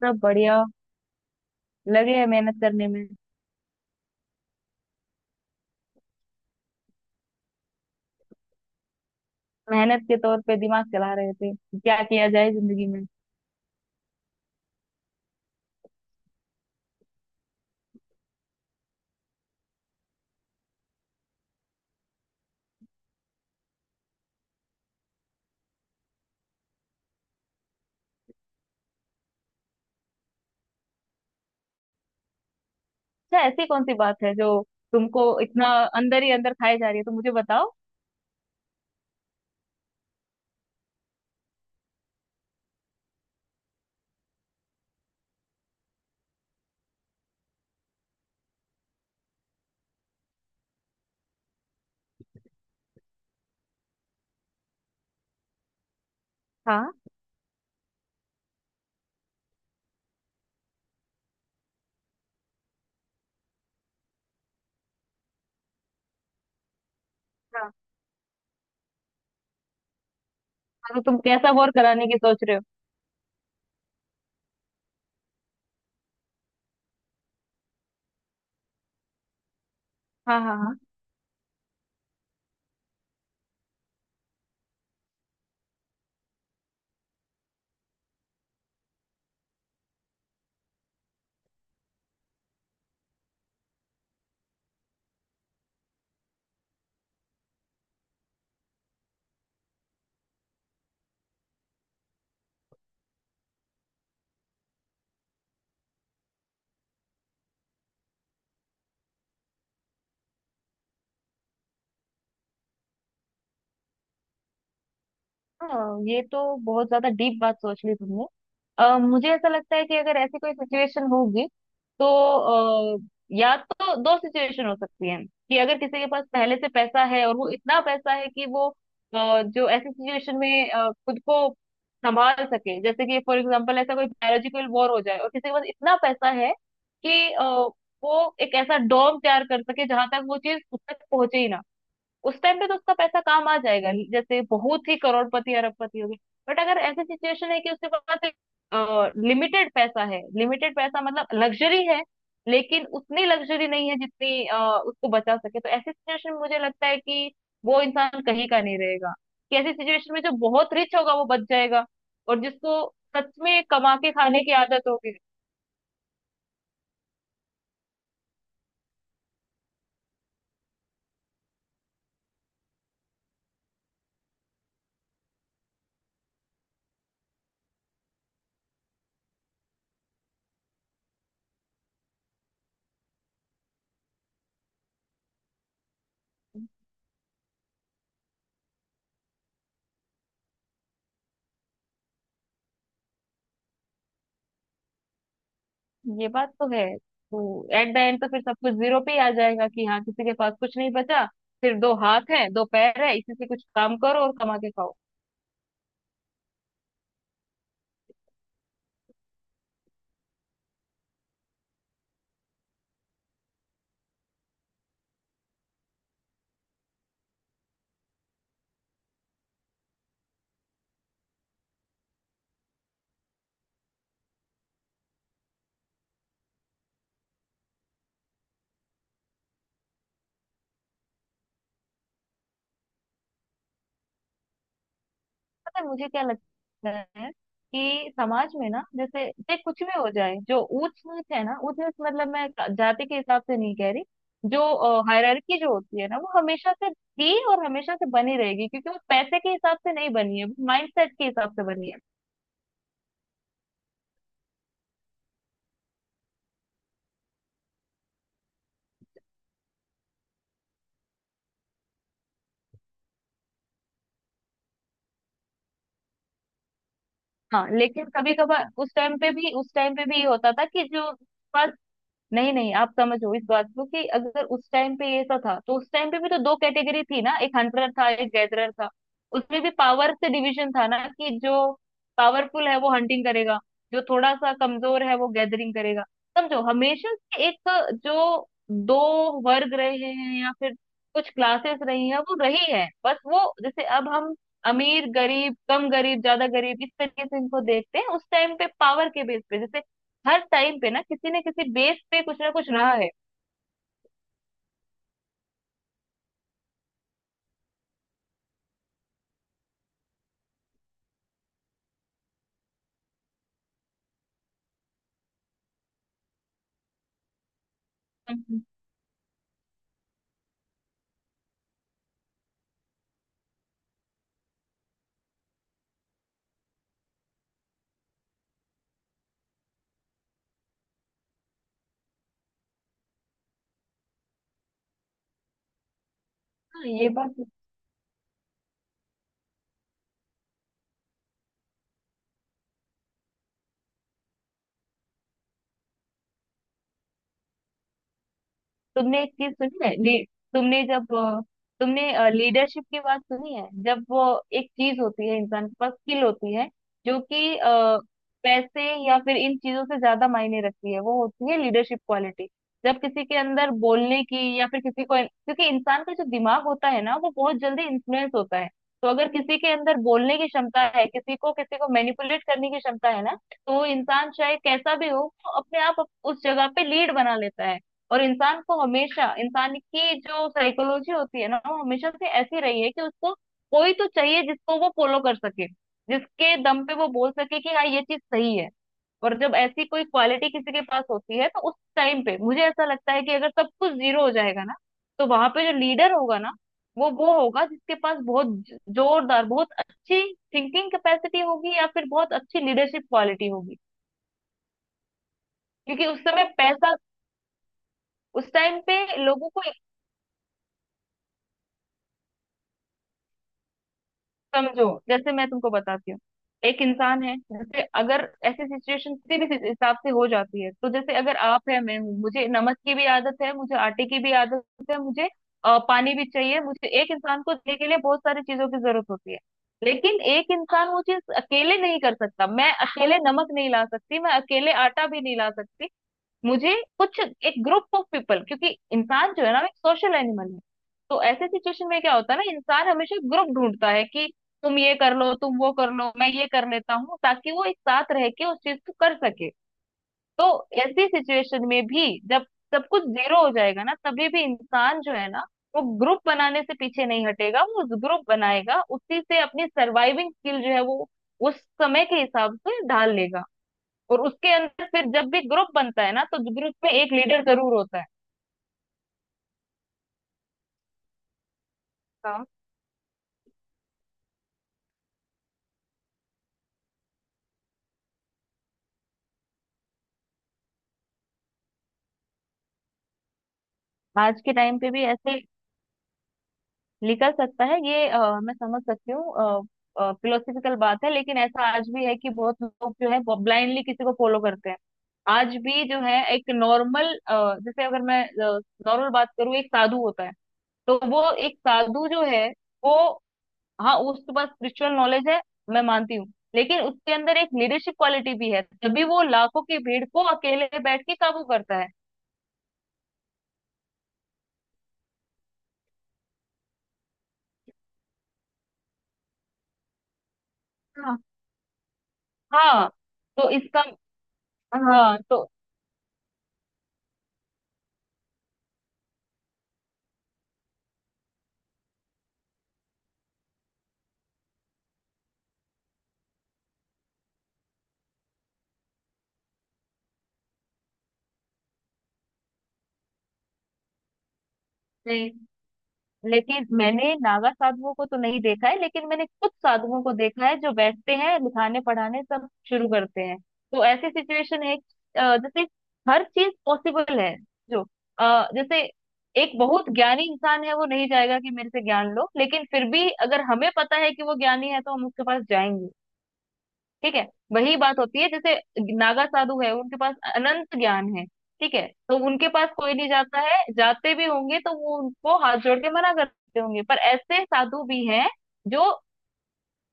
सब बढ़िया। लगे हैं मेहनत करने में। मेहनत के तौर पे दिमाग चला रहे थे कि क्या किया जाए जिंदगी में। अच्छा, ऐसी कौन सी बात है जो तुमको इतना अंदर ही अंदर खाए जा रही है तो मुझे बताओ। हाँ, हाँ, मतलब तुम कैसा बोर कराने की सोच रहे हो। हाँ, हाँ, हाँ, ये तो बहुत ज्यादा डीप बात सोच ली तुमने। मुझे ऐसा लगता है कि अगर ऐसी कोई सिचुएशन होगी तो अ, या तो दो सिचुएशन हो सकती है, कि अगर किसी के पास पहले से पैसा है, और वो इतना पैसा है कि वो जो ऐसी सिचुएशन में खुद को संभाल सके। जैसे कि फॉर एग्जांपल ऐसा कोई बायोलॉजिकल वॉर हो जाए, और किसी के पास इतना पैसा है कि वो एक ऐसा डोम तैयार कर सके जहां तक वो चीज खुद तक पहुंचे ही ना। उस टाइम पे तो उसका पैसा काम आ जाएगा, जैसे बहुत ही करोड़पति अरबपति हो गए। बट अगर ऐसी सिचुएशन है कि उसके पास लिमिटेड पैसा है। लिमिटेड पैसा मतलब लग्जरी है, लेकिन उतनी लग्जरी नहीं है जितनी उसको बचा सके, तो ऐसी सिचुएशन में मुझे लगता है कि वो इंसान कहीं का नहीं रहेगा। कि ऐसी सिचुएशन में जो बहुत रिच होगा वो बच जाएगा, और जिसको सच में कमा के खाने की आदत होगी। ये बात तो है। तो एट द एंड तो फिर सब कुछ जीरो पे ही आ जाएगा, कि हाँ, किसी के पास कुछ नहीं बचा। सिर्फ दो हाथ है, दो पैर है, इसी से कुछ काम करो और कमा के खाओ। पता है मुझे क्या लगता है, कि समाज में ना, जैसे चाहे कुछ भी हो जाए, जो ऊंच नीच है ना, ऊंच नीच मतलब मैं जाति के हिसाब से नहीं कह रही। जो हायरार्की जो होती है ना, वो हमेशा से थी और हमेशा से बनी रहेगी, क्योंकि वो पैसे के हिसाब से नहीं बनी है, वो माइंडसेट के हिसाब से बनी है। हाँ, लेकिन कभी कभार उस टाइम पे भी, उस टाइम पे भी ये होता था कि जो, नहीं, नहीं, आप समझो इस बात को। कि अगर उस टाइम पे ये ऐसा था, तो उस टाइम पे भी तो दो कैटेगरी थी ना, एक हंटर था एक गैदरर था। उसमें भी पावर से डिवीजन था ना, कि जो पावरफुल है वो हंटिंग करेगा, जो थोड़ा सा कमजोर है वो गैदरिंग करेगा। समझो हमेशा से एक, जो दो वर्ग रहे हैं या फिर कुछ क्लासेस रही हैं, वो रही है। बस वो जैसे अब हम अमीर गरीब, कम गरीब, ज्यादा गरीब, इस तरीके से इनको देखते हैं, उस टाइम पे पावर के बेस पे। जैसे हर टाइम पे ना किसी न किसी बेस पे कुछ ना कुछ रहा है। हम्म। हाँ, ये बात, तुमने एक चीज सुनी है ली, तुमने जब अ, तुमने लीडरशिप की बात सुनी है, जब वो एक चीज होती है, इंसान के पास स्किल होती है जो कि पैसे या फिर इन चीजों से ज्यादा मायने रखती है, वो होती है लीडरशिप क्वालिटी। जब किसी के अंदर बोलने की, या फिर किसी को, क्योंकि इंसान का जो दिमाग होता है ना, वो बहुत जल्दी इन्फ्लुएंस होता है। तो अगर किसी के अंदर बोलने की क्षमता है, किसी को मैनिपुलेट करने की क्षमता है ना, तो वो इंसान चाहे कैसा भी हो, वो अपने आप उस जगह पे लीड बना लेता है। और इंसान को हमेशा, इंसान की जो साइकोलॉजी होती है ना, वो हमेशा से ऐसी रही है कि उसको कोई तो चाहिए जिसको वो फॉलो कर सके, जिसके दम पे वो बोल सके कि हाँ, ये चीज सही है। और जब ऐसी कोई क्वालिटी किसी के पास होती है, तो उस टाइम पे मुझे ऐसा लगता है, कि अगर सब कुछ जीरो हो जाएगा ना, तो वहां पे जो लीडर होगा ना, वो होगा जिसके पास बहुत जोरदार, बहुत अच्छी थिंकिंग कैपेसिटी होगी, या फिर बहुत अच्छी लीडरशिप क्वालिटी होगी। क्योंकि उस समय पैसा, उस टाइम पे लोगों को, समझो जैसे मैं तुमको बताती हूँ। एक इंसान है, जैसे अगर ऐसी सिचुएशन किसी भी हिसाब से हो जाती है, तो जैसे अगर आप है, मैं हूँ, मुझे नमक की भी आदत है, मुझे आटे की भी आदत है, मुझे पानी भी चाहिए। मुझे एक इंसान को देने के लिए बहुत सारी चीजों की जरूरत होती है। लेकिन एक इंसान वो चीज अकेले नहीं कर सकता। मैं अकेले नमक नहीं ला सकती, मैं अकेले आटा भी नहीं ला सकती। मुझे कुछ एक ग्रुप ऑफ पीपल, क्योंकि इंसान जो है ना, वो एक सोशल एनिमल है। तो ऐसे सिचुएशन में क्या होता है ना, इंसान हमेशा ग्रुप ढूंढता है, कि तुम ये कर लो, तुम वो कर लो, मैं ये कर लेता हूँ, ताकि वो एक साथ रह के उस चीज को कर सके। तो ऐसी सिचुएशन में भी जब सब कुछ जीरो हो जाएगा ना, तभी भी इंसान जो है ना, वो ग्रुप बनाने से पीछे नहीं हटेगा। वो ग्रुप बनाएगा, उसी से अपनी सर्वाइविंग स्किल जो है, वो उस समय के हिसाब से ढाल लेगा। और उसके अंदर फिर जब भी ग्रुप बनता है ना, तो ग्रुप में एक लीडर जरूर होता है। हाँ, आज के टाइम पे भी ऐसे निकल सकता है, ये मैं समझ सकती हूँ। फिलोसफिकल बात है, लेकिन ऐसा आज भी है कि बहुत लोग जो है, ब्लाइंडली किसी को फॉलो करते हैं। आज भी जो है एक नॉर्मल, जैसे अगर मैं नॉर्मल बात करूँ, एक साधु होता है, तो वो एक साधु जो है वो, हाँ, उसके पास स्पिरिचुअल नॉलेज है, मैं मानती हूँ, लेकिन उसके अंदर एक लीडरशिप क्वालिटी भी है, तभी वो लाखों की भीड़ को अकेले बैठ के काबू करता है। हाँ, हाँ, तो इसका, हाँ, तो लेकिन मैंने नागा साधुओं को तो नहीं देखा है, लेकिन मैंने कुछ साधुओं को देखा है जो बैठते हैं लिखाने पढ़ाने सब शुरू करते हैं। तो ऐसी सिचुएशन है जैसे हर चीज पॉसिबल है। जो जैसे एक बहुत ज्ञानी इंसान है, वो नहीं जाएगा कि मेरे से ज्ञान लो, लेकिन फिर भी अगर हमें पता है कि वो ज्ञानी है, तो हम उसके पास जाएंगे। ठीक है। वही बात होती है, जैसे नागा साधु है, उनके पास अनंत ज्ञान है। ठीक है, तो उनके पास कोई नहीं जाता है, जाते भी होंगे तो वो उनको हाथ जोड़ के मना करते होंगे। पर ऐसे साधु भी हैं जो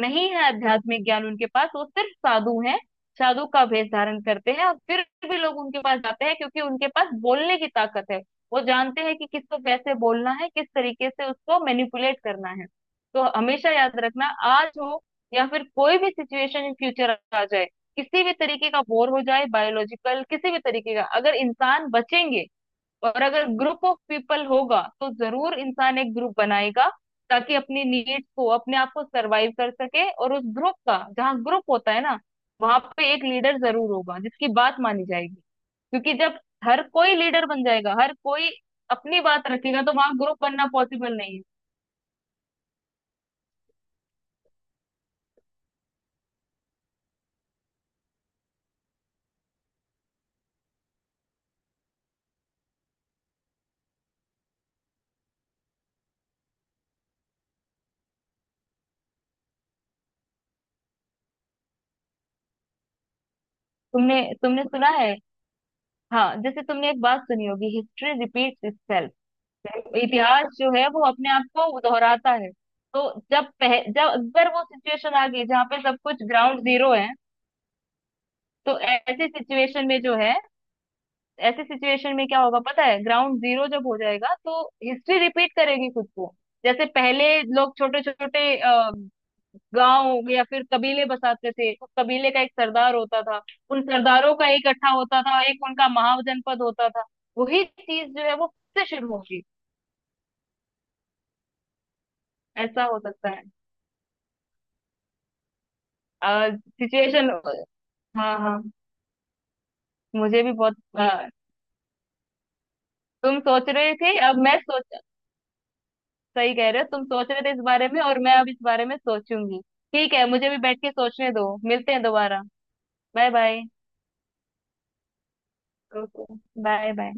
नहीं है, आध्यात्मिक ज्ञान उनके पास, वो सिर्फ साधु हैं। साधु का वेश धारण करते हैं, और फिर भी लोग उनके पास जाते हैं क्योंकि उनके पास बोलने की ताकत है। वो जानते हैं कि किसको कैसे बोलना है, किस तरीके से उसको मैनिपुलेट करना है। तो हमेशा याद रखना, आज हो या फिर कोई भी सिचुएशन इन फ्यूचर आ जाए, किसी भी तरीके का बोर हो जाए, बायोलॉजिकल, किसी भी तरीके का, अगर इंसान बचेंगे, और अगर ग्रुप ऑफ पीपल होगा, तो जरूर इंसान एक ग्रुप बनाएगा, ताकि अपनी नीड्स को, अपने आप को सरवाइव कर सके। और उस ग्रुप का, जहाँ ग्रुप होता है ना, वहां पे एक लीडर जरूर होगा जिसकी बात मानी जाएगी। क्योंकि जब हर कोई लीडर बन जाएगा, हर कोई अपनी बात रखेगा, तो वहां ग्रुप बनना पॉसिबल नहीं है। तुमने तुमने सुना है? हाँ, जैसे तुमने एक बात सुनी होगी, हिस्ट्री रिपीट्स इटसेल्फ। इतिहास जो है वो अपने आप को दोहराता है। तो जब जब अगर वो सिचुएशन आ गई जहाँ पे सब कुछ ग्राउंड जीरो है, तो ऐसी सिचुएशन में जो है, ऐसी सिचुएशन में क्या होगा पता है, ग्राउंड जीरो जब हो जाएगा, तो हिस्ट्री रिपीट करेगी खुद को। जैसे पहले लोग छोटे छोटे गांव या फिर कबीले बसाते थे, उस कबीले का एक सरदार होता था। उन सरदारों का एक इकट्ठा होता था, एक उनका महाजनपद होता था। वही चीज जो है वो फिर से शुरू होगी। ऐसा हो सकता है सिचुएशन। हाँ, हाँ, मुझे भी बहुत तुम सोच रहे थे, अब मैं सोच, सही कह रहे हो, तुम सोच रहे थे इस बारे में, और मैं अब इस बारे में सोचूंगी। ठीक है, मुझे भी बैठ के सोचने दो, मिलते हैं दोबारा। Bye bye. Okay. Bye bye.